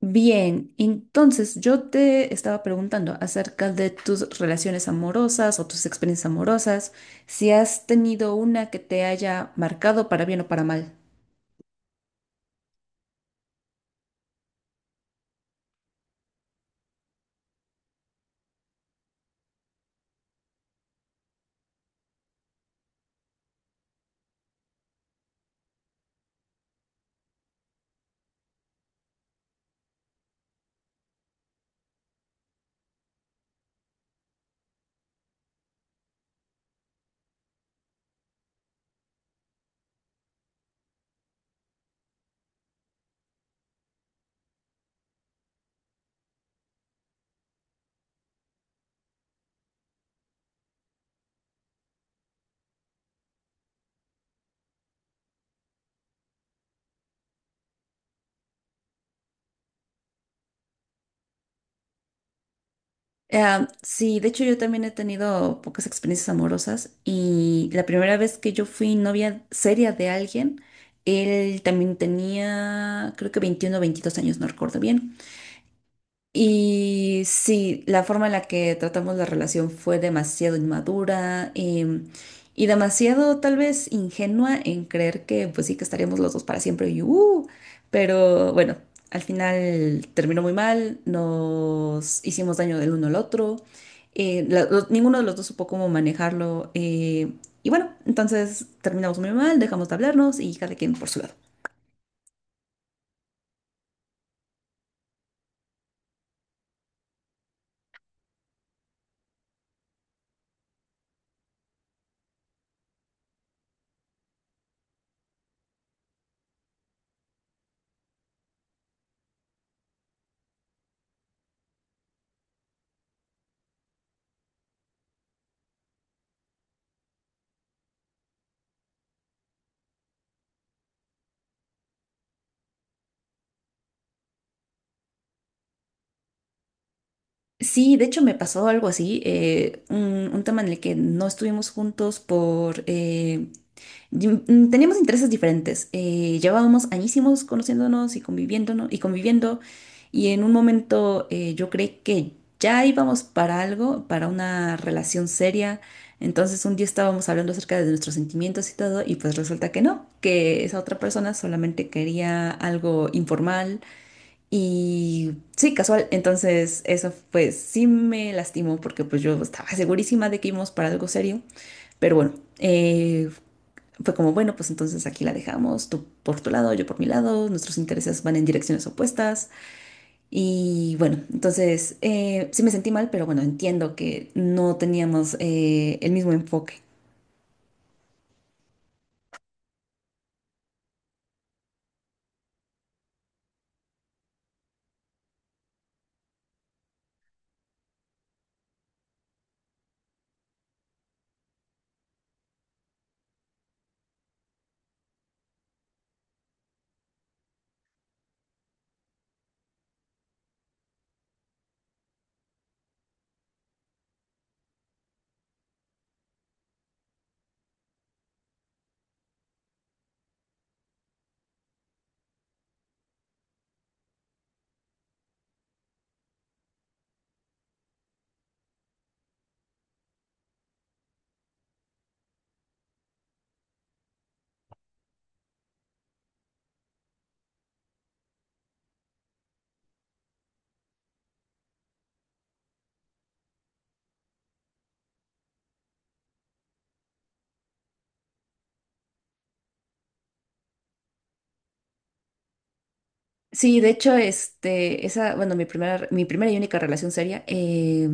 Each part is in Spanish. Bien, entonces yo te estaba preguntando acerca de tus relaciones amorosas o tus experiencias amorosas, si has tenido una que te haya marcado para bien o para mal. Ah, sí, de hecho yo también he tenido pocas experiencias amorosas y la primera vez que yo fui novia seria de alguien, él también tenía creo que 21 o 22 años, no recuerdo bien. Y sí, la forma en la que tratamos la relación fue demasiado inmadura, y demasiado tal vez ingenua en creer que pues sí que estaríamos los dos para siempre. Y ¡uh! Pero bueno, al final terminó muy mal, nos hicimos daño del uno al otro. Ninguno de los dos supo cómo manejarlo, y bueno, entonces terminamos muy mal, dejamos de hablarnos y cada quien por su lado. Sí, de hecho me pasó algo así. Un tema en el que no estuvimos juntos por, teníamos intereses diferentes. Llevábamos añísimos conociéndonos y conviviéndonos y conviviendo, y en un momento, yo creí que ya íbamos para algo, para una relación seria. Entonces un día estábamos hablando acerca de nuestros sentimientos y todo y pues resulta que no, que esa otra persona solamente quería algo informal y sí, casual. Entonces, eso pues sí me lastimó porque pues yo estaba segurísima de que íbamos para algo serio. Pero bueno, eh, fue como, bueno, pues entonces aquí la dejamos, tú por tu lado, yo por mi lado, nuestros intereses van en direcciones opuestas. Y bueno, entonces, sí me sentí mal, pero bueno, entiendo que no teníamos, el mismo enfoque. Sí, de hecho, este, bueno, mi primera y única relación seria, eh,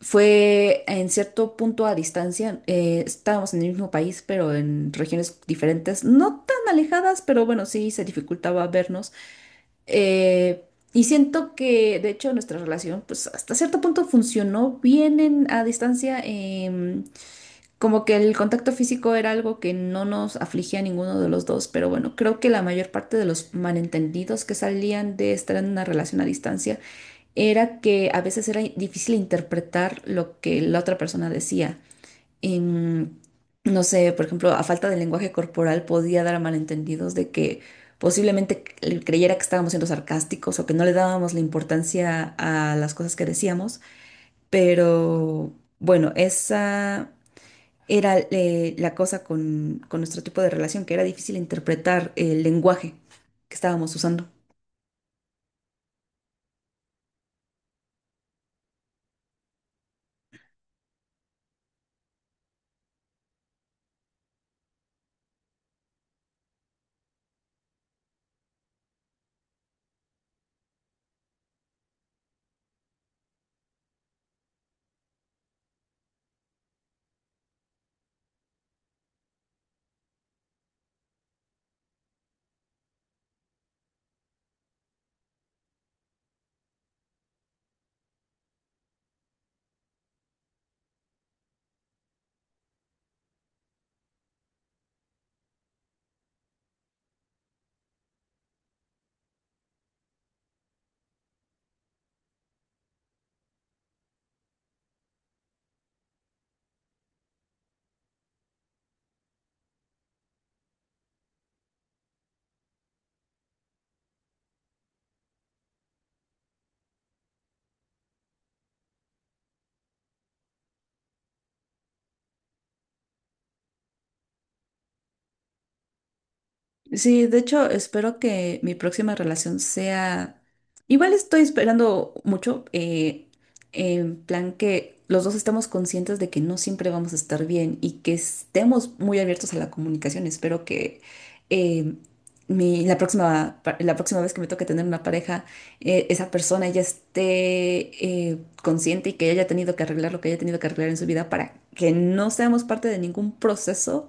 Fue en cierto punto a distancia. Estábamos en el mismo país, pero en regiones diferentes, no tan alejadas, pero bueno, sí se dificultaba vernos. Eh, y siento que, de hecho, nuestra relación pues hasta cierto punto funcionó bien a distancia. Como que el contacto físico era algo que no nos afligía a ninguno de los dos, pero bueno, creo que la mayor parte de los malentendidos que salían de estar en una relación a distancia era que a veces era difícil interpretar lo que la otra persona decía. Em, no sé, por ejemplo, a falta de lenguaje corporal podía dar a malentendidos de que posiblemente él creyera que estábamos siendo sarcásticos o que no le dábamos la importancia a las cosas que decíamos, pero bueno, esa era, la cosa con nuestro tipo de relación, que era difícil interpretar el lenguaje que estábamos usando. Sí, de hecho, espero que mi próxima relación sea. Igual estoy esperando mucho, en plan que los dos estemos conscientes de que no siempre vamos a estar bien y que estemos muy abiertos a la comunicación. Espero que, eh, la próxima, la próxima vez que me toque tener una pareja, esa persona ya esté, consciente y que haya tenido que arreglar lo que haya tenido que arreglar en su vida para que no seamos parte de ningún proceso,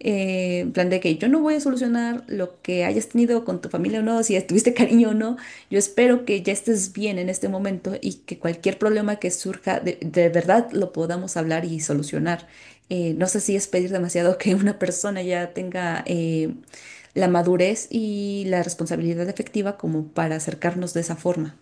en plan de que yo no voy a solucionar lo que hayas tenido con tu familia o no, si estuviste cariño o no. Yo espero que ya estés bien en este momento y que cualquier problema que surja de verdad lo podamos hablar y solucionar. No sé si es pedir demasiado que una persona ya tenga, la madurez y la responsabilidad efectiva como para acercarnos de esa forma.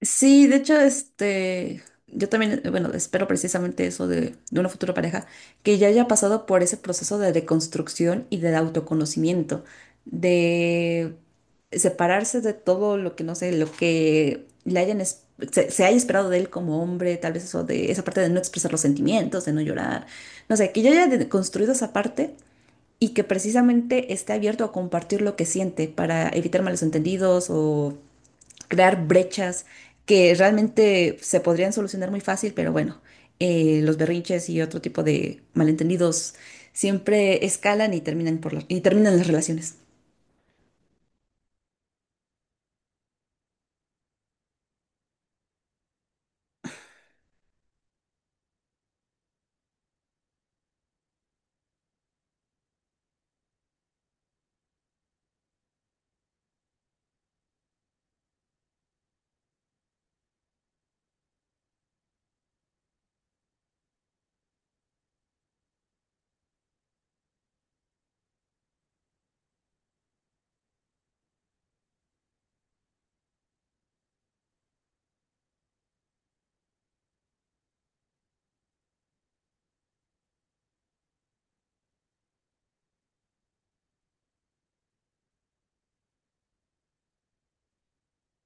Sí, de hecho, este, yo también, bueno, espero precisamente eso de una futura pareja, que ya haya pasado por ese proceso de deconstrucción y de autoconocimiento, de separarse de todo lo que, no sé, lo que le hayan, se haya esperado de él como hombre, tal vez eso de esa parte de no expresar los sentimientos, de no llorar, no sé, que ya haya deconstruido esa parte y que precisamente esté abierto a compartir lo que siente para evitar malos entendidos o crear brechas que realmente se podrían solucionar muy fácil, pero bueno, los berrinches y otro tipo de malentendidos siempre escalan y terminan y terminan las relaciones.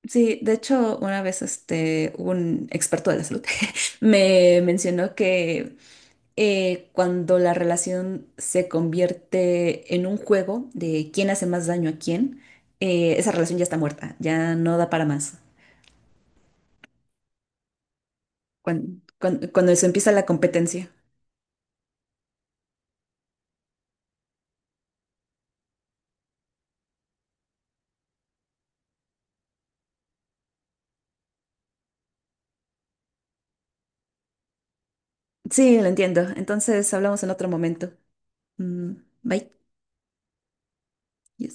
Sí, de hecho, una vez este, un experto de la salud me mencionó que, cuando la relación se convierte en un juego de quién hace más daño a quién, esa relación ya está muerta, ya no da para más. Cuando eso empieza la competencia. Sí, lo entiendo. Entonces hablamos en otro momento. Mm, bye. Yes.